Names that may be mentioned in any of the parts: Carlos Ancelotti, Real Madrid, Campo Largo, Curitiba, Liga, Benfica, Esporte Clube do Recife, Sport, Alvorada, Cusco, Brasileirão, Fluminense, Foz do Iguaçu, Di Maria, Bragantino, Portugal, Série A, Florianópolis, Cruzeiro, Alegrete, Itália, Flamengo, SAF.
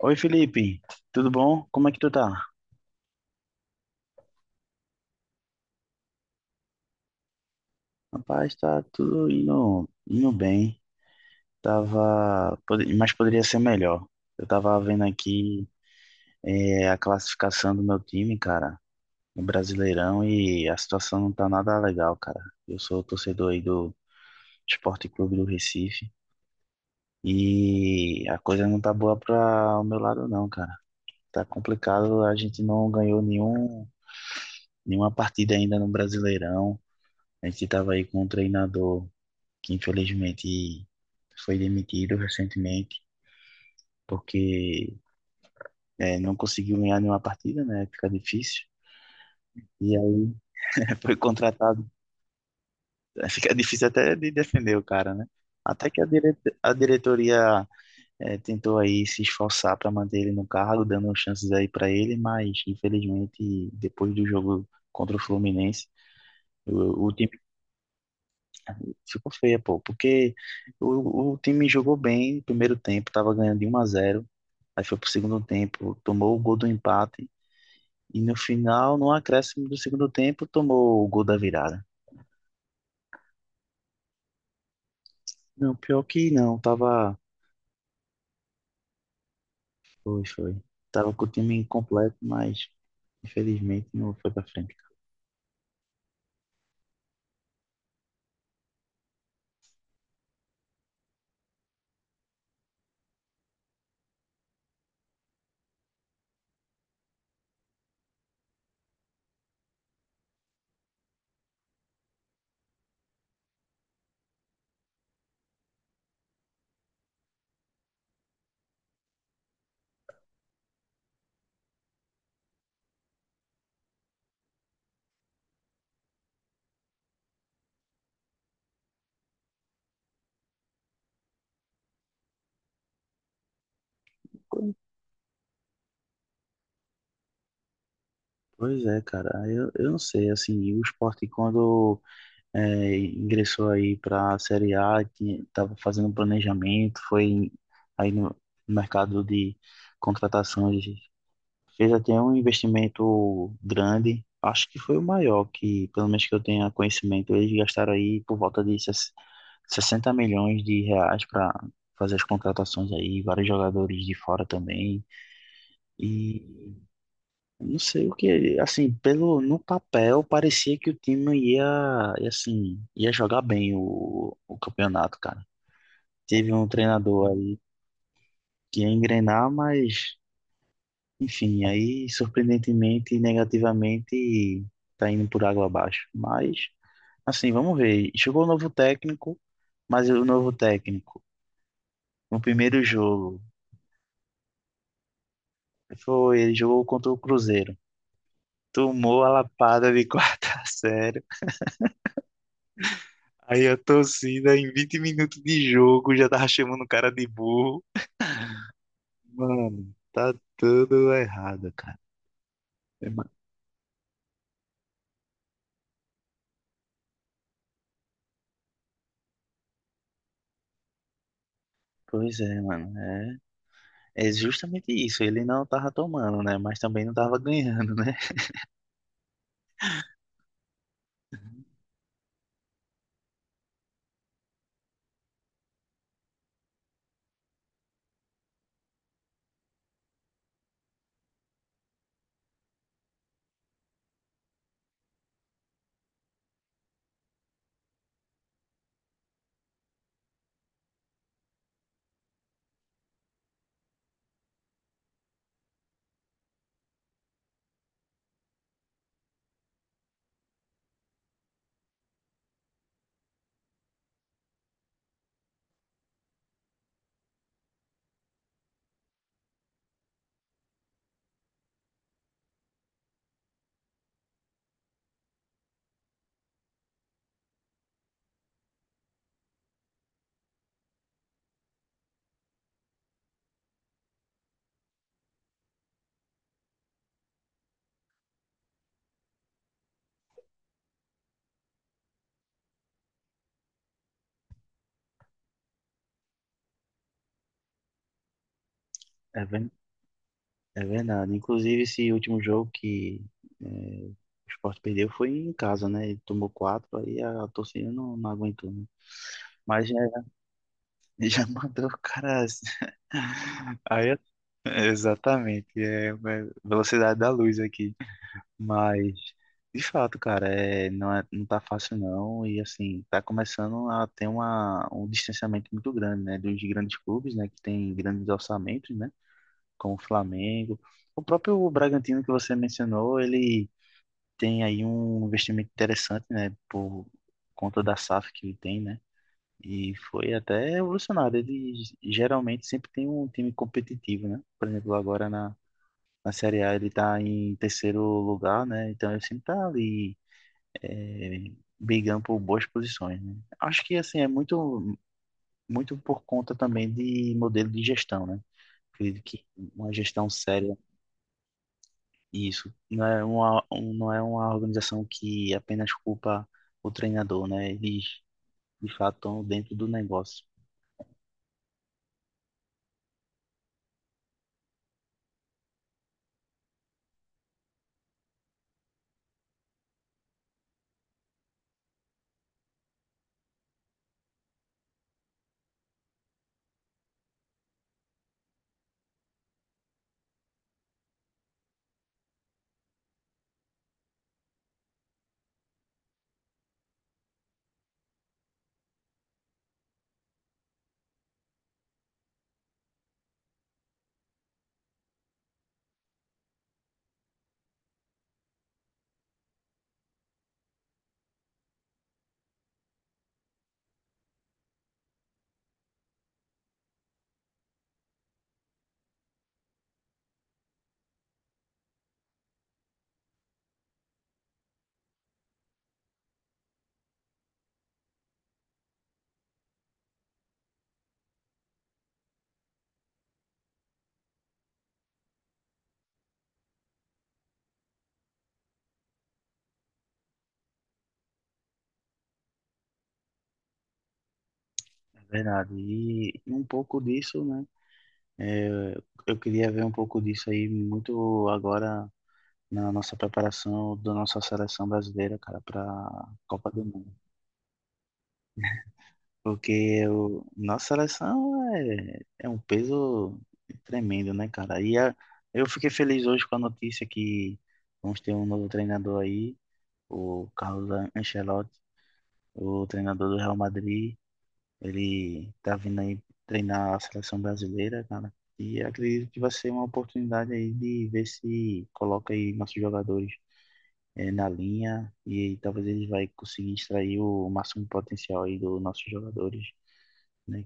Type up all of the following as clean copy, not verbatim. Oi, Felipe, tudo bom? Como é que tu tá? Rapaz, tá tudo indo bem. Mas poderia ser melhor. Eu tava vendo aqui a classificação do meu time, cara, no Brasileirão, e a situação não tá nada legal, cara. Eu sou torcedor aí do Esporte Clube do Recife e a coisa não tá boa pra o meu lado, não, cara. Tá complicado, a gente não ganhou nenhuma partida ainda no Brasileirão. A gente tava aí com um treinador que infelizmente foi demitido recentemente, porque não conseguiu ganhar nenhuma partida, né? Fica difícil. E aí foi contratado, fica difícil até de defender o cara, né? Até que a, dire A diretoria tentou aí se esforçar para manter ele no cargo, dando chances aí para ele, mas infelizmente depois do jogo contra o Fluminense, o time ficou feio, pô, porque o time jogou bem no primeiro tempo, tava ganhando de um a zero. Aí foi pro segundo tempo, tomou o gol do empate. E no final, no acréscimo do segundo tempo, tomou o gol da virada. Não, pior que não, tava. Foi, foi. Tava com o time incompleto, mas infelizmente não foi pra frente. Pois é, cara, eu não sei, assim, o Sport quando ingressou aí pra Série A, que tava fazendo um planejamento, foi aí no mercado de contratações. Fez até um investimento grande, acho que foi o maior que, pelo menos que eu tenha conhecimento, eles gastaram aí por volta de 60 milhões de reais para fazer as contratações aí, vários jogadores de fora também. E não sei o que, assim, pelo no papel parecia que o time ia, assim, ia jogar bem o campeonato, cara. Teve um treinador aí que ia engrenar, mas enfim, aí surpreendentemente e negativamente tá indo por água abaixo. Mas, assim, vamos ver. Chegou o novo técnico, mas o novo técnico, no primeiro jogo, foi, ele jogou contra o Cruzeiro. Tomou a lapada de quarta série. Aí a torcida, em 20 minutos de jogo, já tava chamando o cara de burro. Mano, tá tudo errado, cara. É, ma- Pois é, mano. É, é justamente isso. Ele não tava tomando, né? Mas também não tava ganhando, né? É, ver- É verdade. Inclusive, esse último jogo que o Sport perdeu foi em casa, né? Ele tomou quatro, aí a torcida não aguentou, né? Mas já, já mandou o cara. Aí, eu- Exatamente, é velocidade da luz aqui. Mas, de fato, cara, é, não tá fácil não. E assim, tá começando a ter um distanciamento muito grande, né? Dos grandes clubes, né? Que tem grandes orçamentos, né? Como o Flamengo. O próprio Bragantino que você mencionou, ele tem aí um investimento interessante, né, por conta da SAF que ele tem, né? E foi até revolucionário. Ele geralmente sempre tem um time competitivo, né? Por exemplo, na Série A ele está em terceiro lugar, né? Então ele sempre está ali é, brigando por boas posições, né? Acho que assim é muito por conta também de modelo de gestão, né? Acredito que uma gestão séria. Isso. Não é uma organização que apenas culpa o treinador, né? Eles, de fato, estão dentro do negócio. É verdade. E um pouco disso, né? É, eu queria ver um pouco disso aí muito agora na nossa preparação da nossa seleção brasileira, cara, para Copa do Mundo. Porque o, nossa seleção é um peso tremendo, né, cara? E a, eu fiquei feliz hoje com a notícia que vamos ter um novo treinador aí. O Carlos Ancelotti, o treinador do Real Madrid, ele tá vindo aí treinar a seleção brasileira, cara. E acredito que vai ser uma oportunidade aí de ver se coloca aí nossos jogadores na linha e talvez eles vai conseguir extrair o máximo potencial aí dos nossos jogadores, né?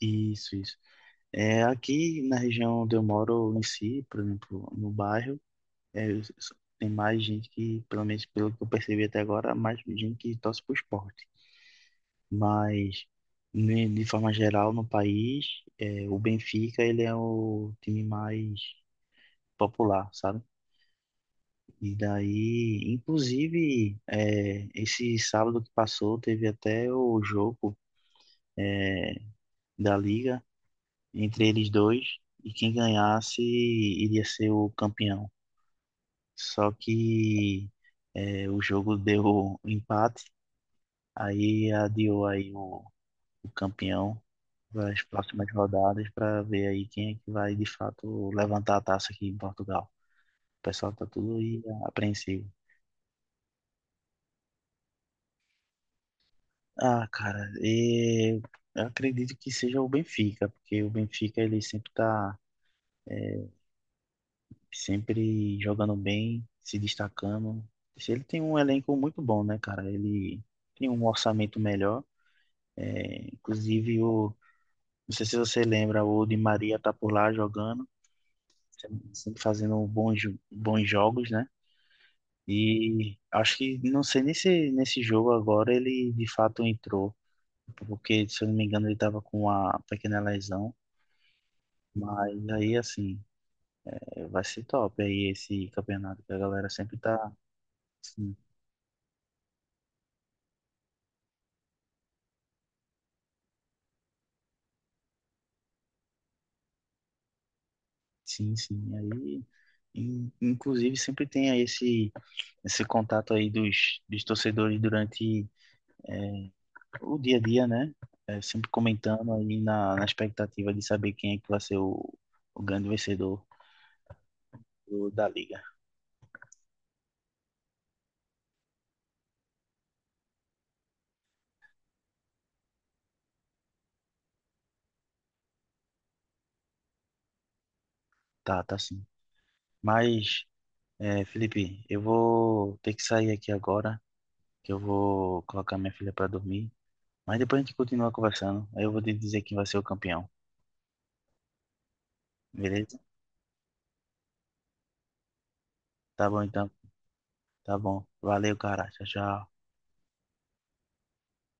Isso, isso. É, aqui na região onde eu moro em si, por exemplo, no bairro, é, eu- tem mais gente que, pelo menos pelo que eu percebi até agora, mais gente que torce pro esporte. Mas, de forma geral, no país, é, o Benfica ele é o time mais popular, sabe? E daí, inclusive, é, esse sábado que passou, teve até o jogo da Liga entre eles dois, e quem ganhasse iria ser o campeão. Só que o jogo deu um empate, aí adiou aí o campeão nas próximas rodadas para ver aí quem é que vai de fato levantar a taça aqui em Portugal. O pessoal tá tudo aí apreensivo. Ah, cara, e eu acredito que seja o Benfica, porque o Benfica ele sempre jogando bem, se destacando. Ele tem um elenco muito bom, né, cara? Ele tem um orçamento melhor. Inclusive, não sei se você lembra, o Di Maria tá por lá jogando, sempre fazendo bons jogos, né? E acho que, não sei nem se nesse jogo agora ele de fato entrou, porque se eu não me engano ele tava com uma pequena lesão. Mas aí, assim, é, vai ser top aí esse campeonato, que a galera sempre tá. Sim, sim, sim. Aí, inclusive, sempre tem aí esse contato aí dos torcedores durante o dia a dia, né? É, sempre comentando aí na expectativa de saber quem é que vai ser o grande vencedor da liga. Tá, tá sim. Mas é, Felipe, eu vou ter que sair aqui agora, que eu vou colocar minha filha para dormir. Mas depois a gente continua conversando. Aí eu vou te dizer quem vai ser o campeão, beleza? Tá bom então, tá bom. Valeu, cara. Tchau, tchau.